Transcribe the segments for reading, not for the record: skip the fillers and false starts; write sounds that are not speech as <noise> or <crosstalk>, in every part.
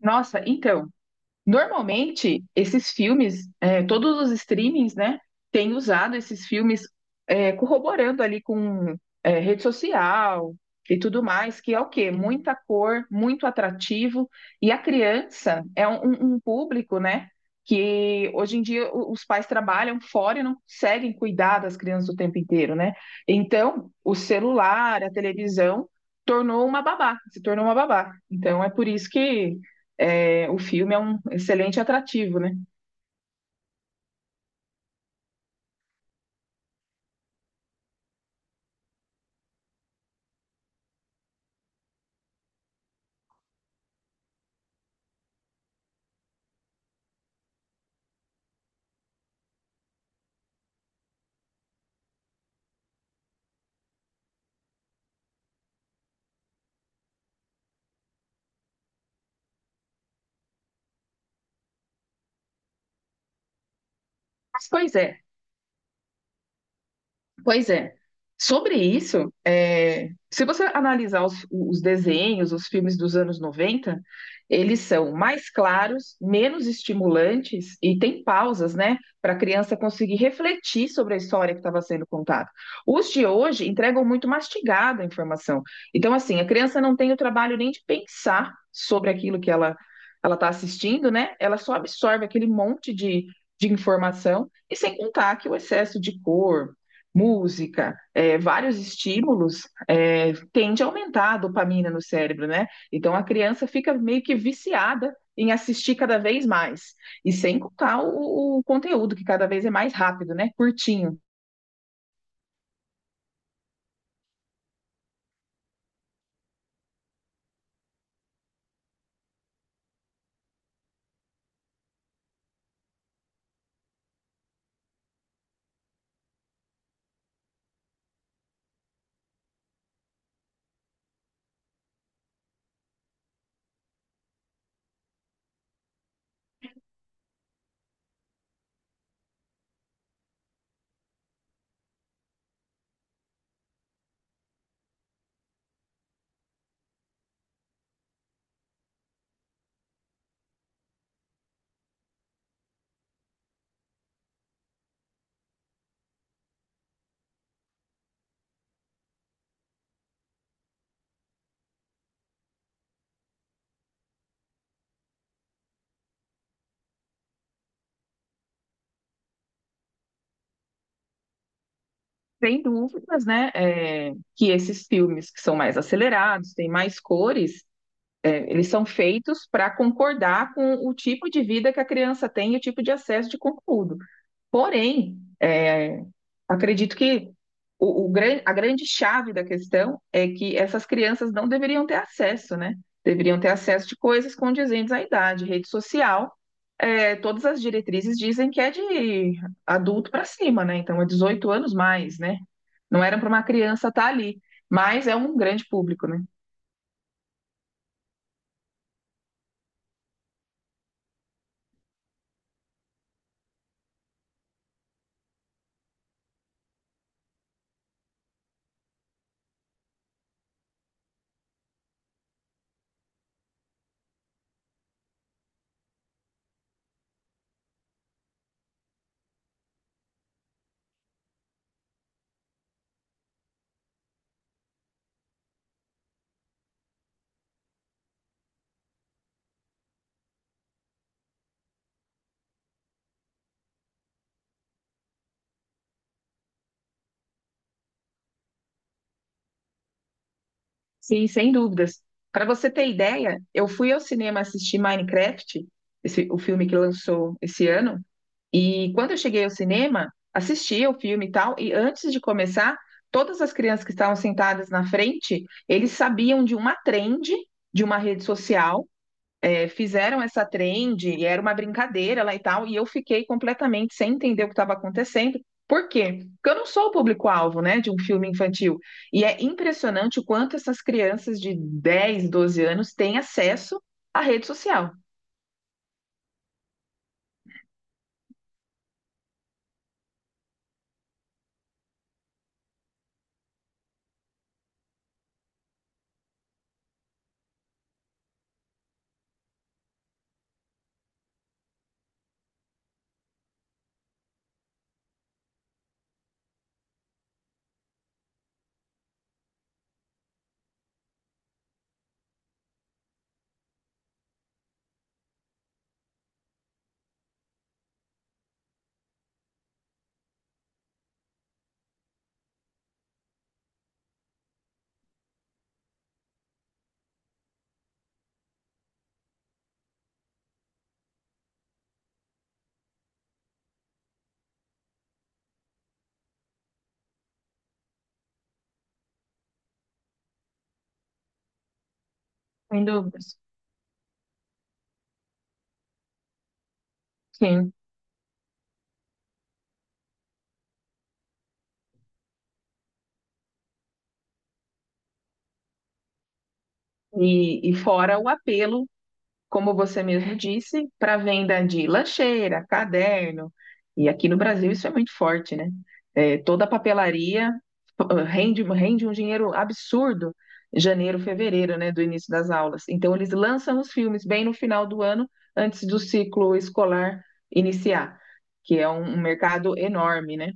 Nossa, então, normalmente esses filmes, todos os streamings, né, têm usado esses filmes corroborando ali com rede social e tudo mais, que é o quê? Muita cor, muito atrativo, e a criança é um público, né, que hoje em dia os pais trabalham fora e não conseguem cuidar das crianças o tempo inteiro, né? Então, o celular, a televisão, tornou uma babá, se tornou uma babá. Então, é por isso que o filme é um excelente atrativo, né? Mas, pois é, pois é. Sobre isso, é, se você analisar os desenhos, os filmes dos anos 90, eles são mais claros, menos estimulantes e tem pausas, né, para a criança conseguir refletir sobre a história que estava sendo contada. Os de hoje entregam muito mastigada a informação. Então, assim, a criança não tem o trabalho nem de pensar sobre aquilo que ela está assistindo, né? Ela só absorve aquele monte de informação, e sem contar que o excesso de cor, música, vários estímulos, tende a aumentar a dopamina no cérebro, né? Então a criança fica meio que viciada em assistir cada vez mais. E sem contar o conteúdo, que cada vez é mais rápido, né? Curtinho. Sem dúvidas, né? Que esses filmes que são mais acelerados, têm mais cores. Eles são feitos para concordar com o tipo de vida que a criança tem e o tipo de acesso de conteúdo. Porém, é, acredito que a grande chave da questão é que essas crianças não deveriam ter acesso, né? Deveriam ter acesso de coisas condizentes à idade. Rede social, é, todas as diretrizes dizem que é de adulto para cima, né? Então é 18 anos mais, né? Não era para uma criança estar ali, mas é um grande público, né? Sim, sem dúvidas. Para você ter ideia, eu fui ao cinema assistir Minecraft, esse, o filme que lançou esse ano. E quando eu cheguei ao cinema, assisti o filme e tal, e antes de começar, todas as crianças que estavam sentadas na frente, eles sabiam de uma trend de uma rede social, fizeram essa trend, e era uma brincadeira lá e tal, e eu fiquei completamente sem entender o que estava acontecendo. Por quê? Porque eu não sou o público-alvo, né, de um filme infantil. E é impressionante o quanto essas crianças de 10, 12 anos têm acesso à rede social. Sem dúvidas. Sim. E fora o apelo, como você mesmo disse, para venda de lancheira, caderno. E aqui no Brasil isso é muito forte, né? É, toda papelaria, rende um dinheiro absurdo em janeiro, fevereiro, né, do início das aulas. Então eles lançam os filmes bem no final do ano, antes do ciclo escolar iniciar, que é um mercado enorme, né?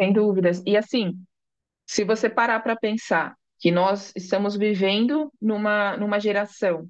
Sem dúvidas. E assim, se você parar para pensar que nós estamos vivendo numa geração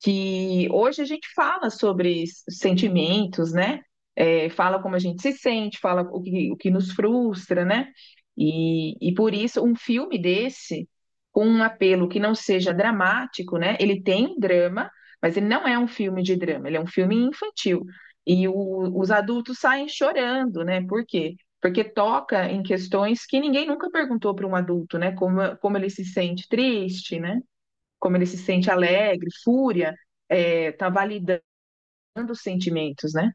que hoje a gente fala sobre sentimentos, né? É, fala como a gente se sente, fala o que nos frustra, né? E por isso, um filme desse, com um apelo que não seja dramático, né? Ele tem um drama, mas ele não é um filme de drama, ele é um filme infantil. E os adultos saem chorando, né? Por quê? Porque toca em questões que ninguém nunca perguntou para um adulto, né? Como ele se sente triste, né? Como ele se sente alegre, fúria, é, tá validando os sentimentos, né?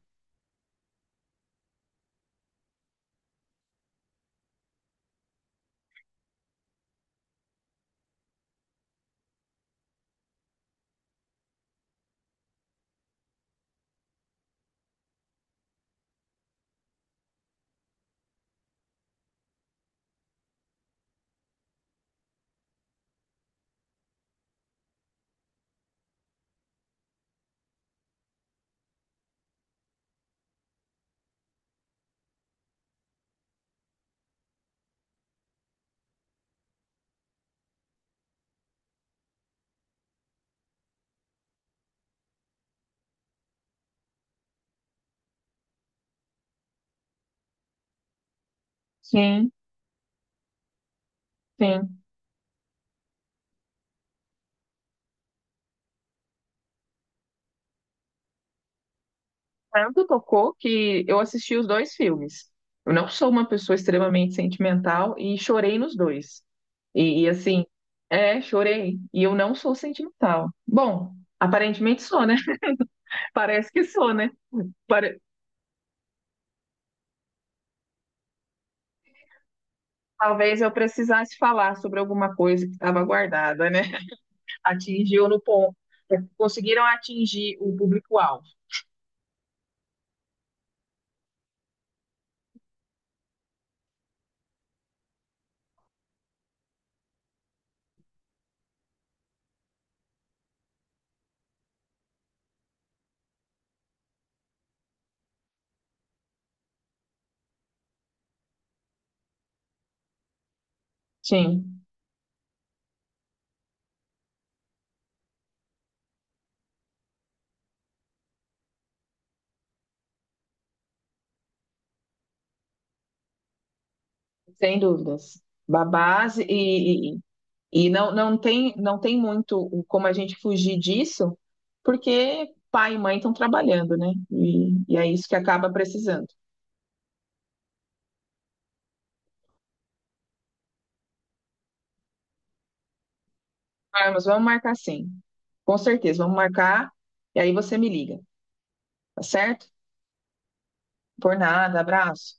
Sim, sim. Tanto tocou que eu assisti os dois filmes. Eu não sou uma pessoa extremamente sentimental e chorei nos dois. E, e assim, chorei. E eu não sou sentimental. Bom, aparentemente sou, né? <laughs> Parece que sou, né? Pare- talvez eu precisasse falar sobre alguma coisa que estava guardada, né? <laughs> Atingiu no ponto. Conseguiram atingir o público-alvo. Sim. Sem dúvidas. Babás e, e não, não tem, não tem muito como a gente fugir disso, porque pai e mãe estão trabalhando, né? E é isso que acaba precisando. Ah, mas vamos marcar sim. Com certeza, vamos marcar. E aí você me liga, tá certo? Por nada, abraço.